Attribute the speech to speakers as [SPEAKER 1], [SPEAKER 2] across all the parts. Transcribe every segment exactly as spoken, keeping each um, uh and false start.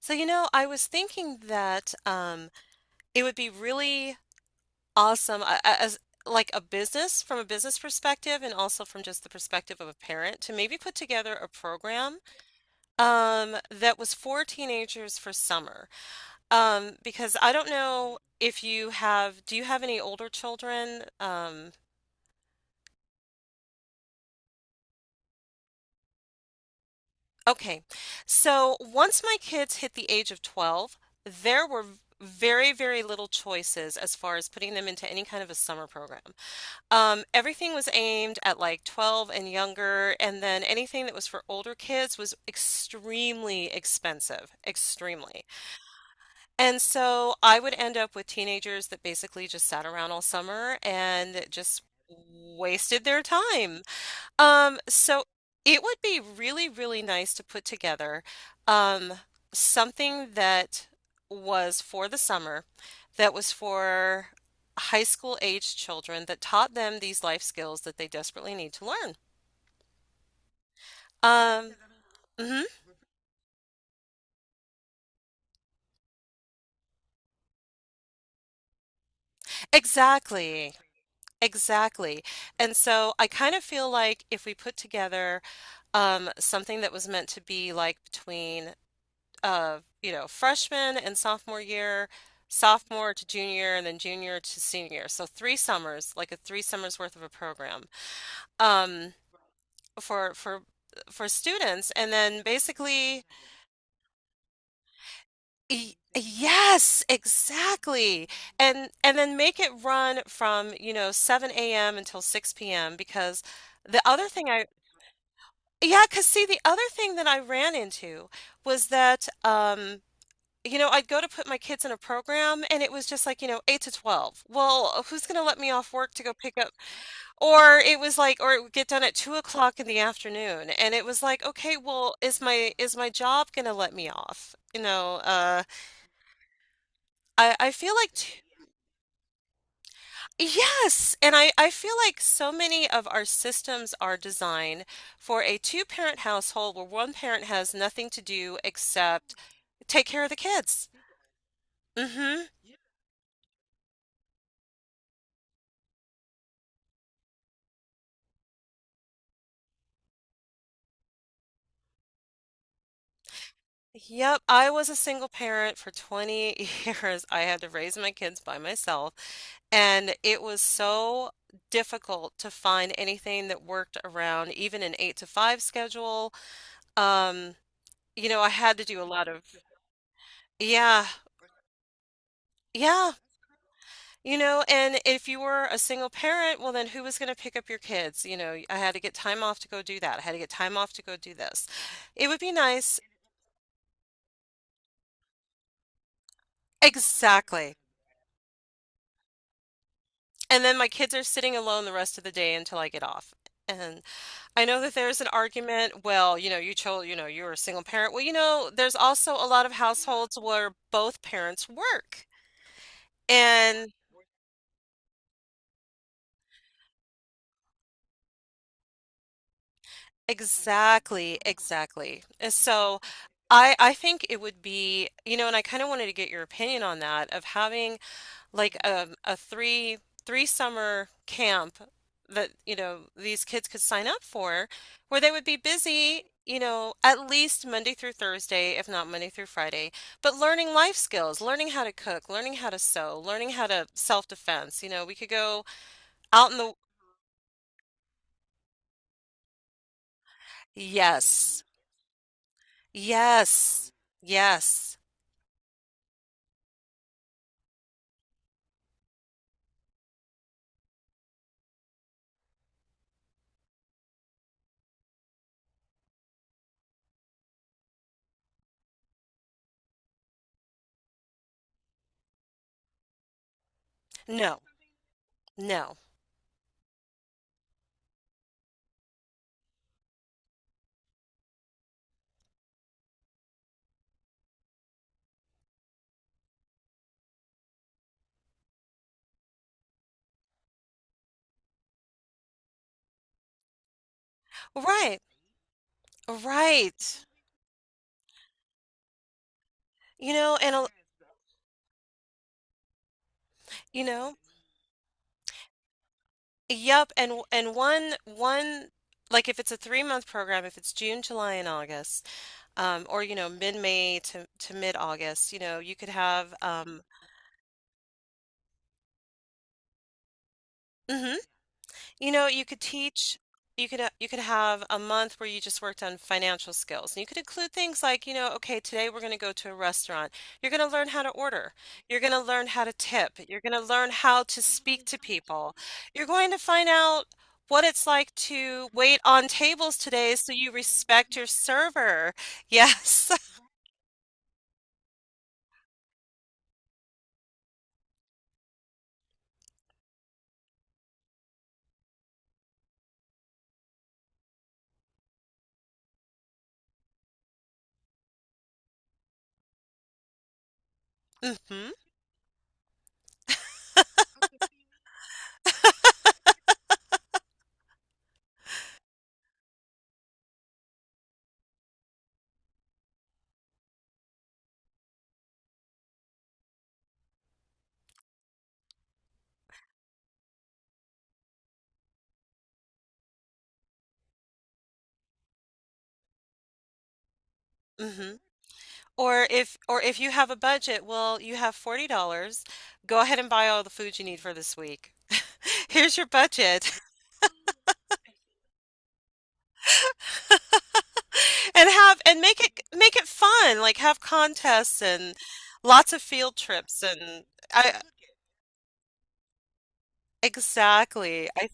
[SPEAKER 1] So, you know, I was thinking that um, it would be really awesome uh, uh, as like a business, from a business perspective, and also from just the perspective of a parent, to maybe put together a program um, that was for teenagers for summer. Um, because I don't know, if you have, do you have any older children? Um, okay. So once my kids hit the age of twelve, there were very, very little choices as far as putting them into any kind of a summer program. Um, everything was aimed at like twelve and younger, and then anything that was for older kids was extremely expensive, extremely. And so I would end up with teenagers that basically just sat around all summer and just wasted their time. Um, so it would be really, really nice to put together um, something that was for the summer, that was for high school aged children, that taught them these life skills that they desperately need to learn. Um, mhm. Exactly, exactly. And so I kind of feel like if we put together um, something that was meant to be like between uh, you know, freshman and sophomore year, sophomore to junior, and then junior to senior. So three summers, like a three summers worth of a program, um, for for for students. And then basically, y- yes, exactly. And and then make it run from, you know, seven a m until six p m, because the other thing I, yeah, because see, the other thing that I ran into was that um, you know, I'd go to put my kids in a program and it was just like, you know, eight to twelve. Well, uh, who's going to let me off work to go pick up? Or it was like, or it would get done at two o'clock in the afternoon. And it was like, okay, well, is my is my job going to let me off? You know, uh, I, I feel like t yes. And I, I feel like so many of our systems are designed for a two-parent household where one parent has nothing to do except take care of the kids. Hmm. Yep, I was a single parent for twenty years. I had to raise my kids by myself, and it was so difficult to find anything that worked around even an eight to five schedule. Um, you know, I had to do a lot of, yeah, yeah, you know, and if you were a single parent, well, then who was going to pick up your kids? You know, I had to get time off to go do that. I had to get time off to go do this. It would be nice. Exactly. And then my kids are sitting alone the rest of the day until I get off. And I know that there's an argument, well, you know, you chose, you know, you're a single parent. Well, you know, there's also a lot of households where both parents work. And exactly, exactly. And so I I think it would be, you know, and I kind of wanted to get your opinion on that, of having like a a three three summer camp that you know these kids could sign up for, where they would be busy, you know at least Monday through Thursday, if not Monday through Friday, but learning life skills, learning how to cook, learning how to sew, learning how to self-defense. You know we could go out in the. Yes, yes, yes. No, no. Right, right. you know and a- you know Yep, and and one one, like, if it's a three month program, if it's June, July, and August, um, or you know mid May to to mid August. You know you could have um, mhm. You know, you could teach, you could uh, you could have a month where you just worked on financial skills. And you could include things like, you know, okay, today we're going to go to a restaurant. You're going to learn how to order. You're going to learn how to tip. You're going to learn how to speak to people. You're going to find out what it's like to wait on tables today, so you respect your server. Yes. Mm-hmm. Mm-hmm. Or if or if you have a budget, well, you have forty dollars. Go ahead and buy all the food you need for this week. Here's your budget. And have and make it make it fun. Like, have contests and lots of field trips. And I exactly. I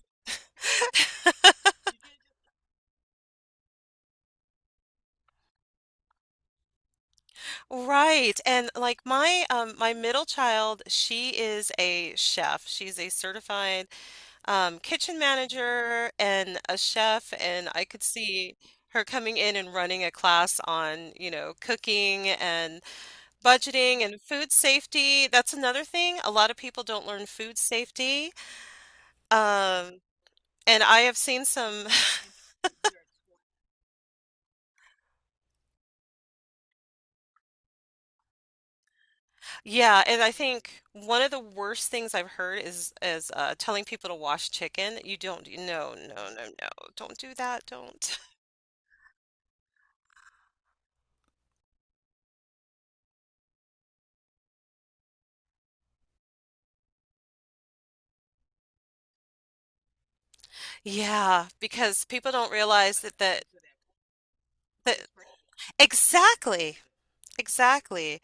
[SPEAKER 1] right. And like my um my middle child, she is a chef. She's a certified um, kitchen manager and a chef, and I could see her coming in and running a class on, you know, cooking and budgeting and food safety. That's another thing. A lot of people don't learn food safety. Um, and I have seen some, yeah, and I think one of the worst things I've heard is is uh, telling people to wash chicken. You don't. No, no, no, no, don't do that. Don't. Yeah, because people don't realize that that that Exactly. Exactly.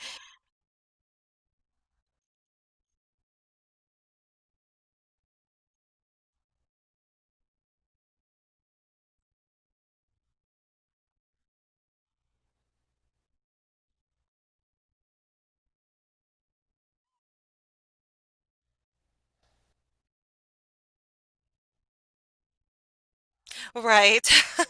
[SPEAKER 1] Right.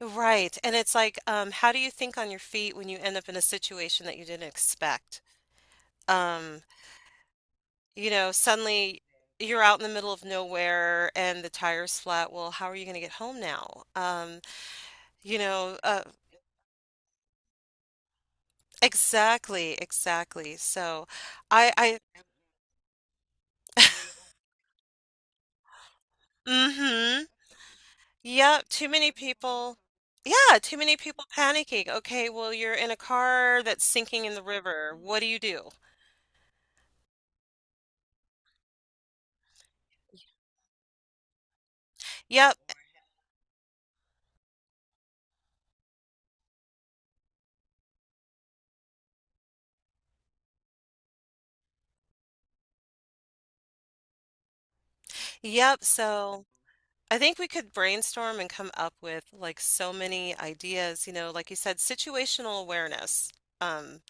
[SPEAKER 1] Right. And it's like, um, how do you think on your feet when you end up in a situation that you didn't expect? Um, you know, Suddenly you're out in the middle of nowhere and the tire's flat. Well, how are you going to get home now? Um, you know, uh, exactly, exactly. So I, I, Mm-hmm. Yep, too many people. Yeah, too many people panicking. Okay, well, you're in a car that's sinking in the river. What do you do? Yep, yep. So I think we could brainstorm and come up with, like, so many ideas. You know, like you said, situational awareness. Um,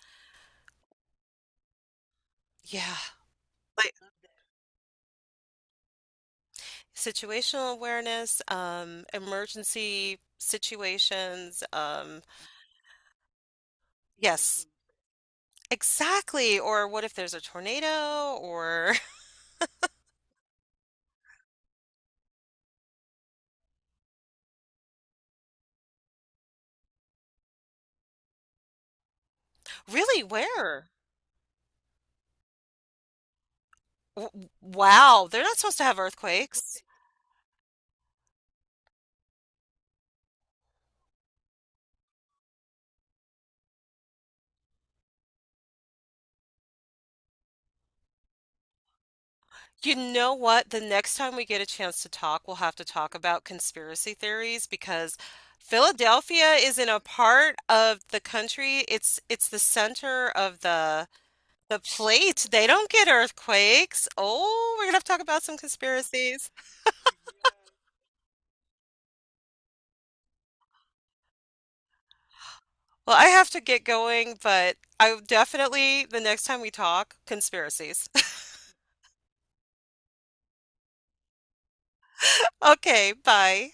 [SPEAKER 1] yeah, like situational awareness, um, emergency situations. Um, yes, exactly. Or what if there's a tornado? Or. Really, where? W- wow, they're not supposed to have earthquakes. You know what? The next time we get a chance to talk, we'll have to talk about conspiracy theories, because Philadelphia is in a part of the country. It's it's the center of the the plate. They don't get earthquakes. Oh, we're gonna have to talk about some conspiracies. Well, I have to get going, but I definitely, the next time we talk, conspiracies. Okay, bye.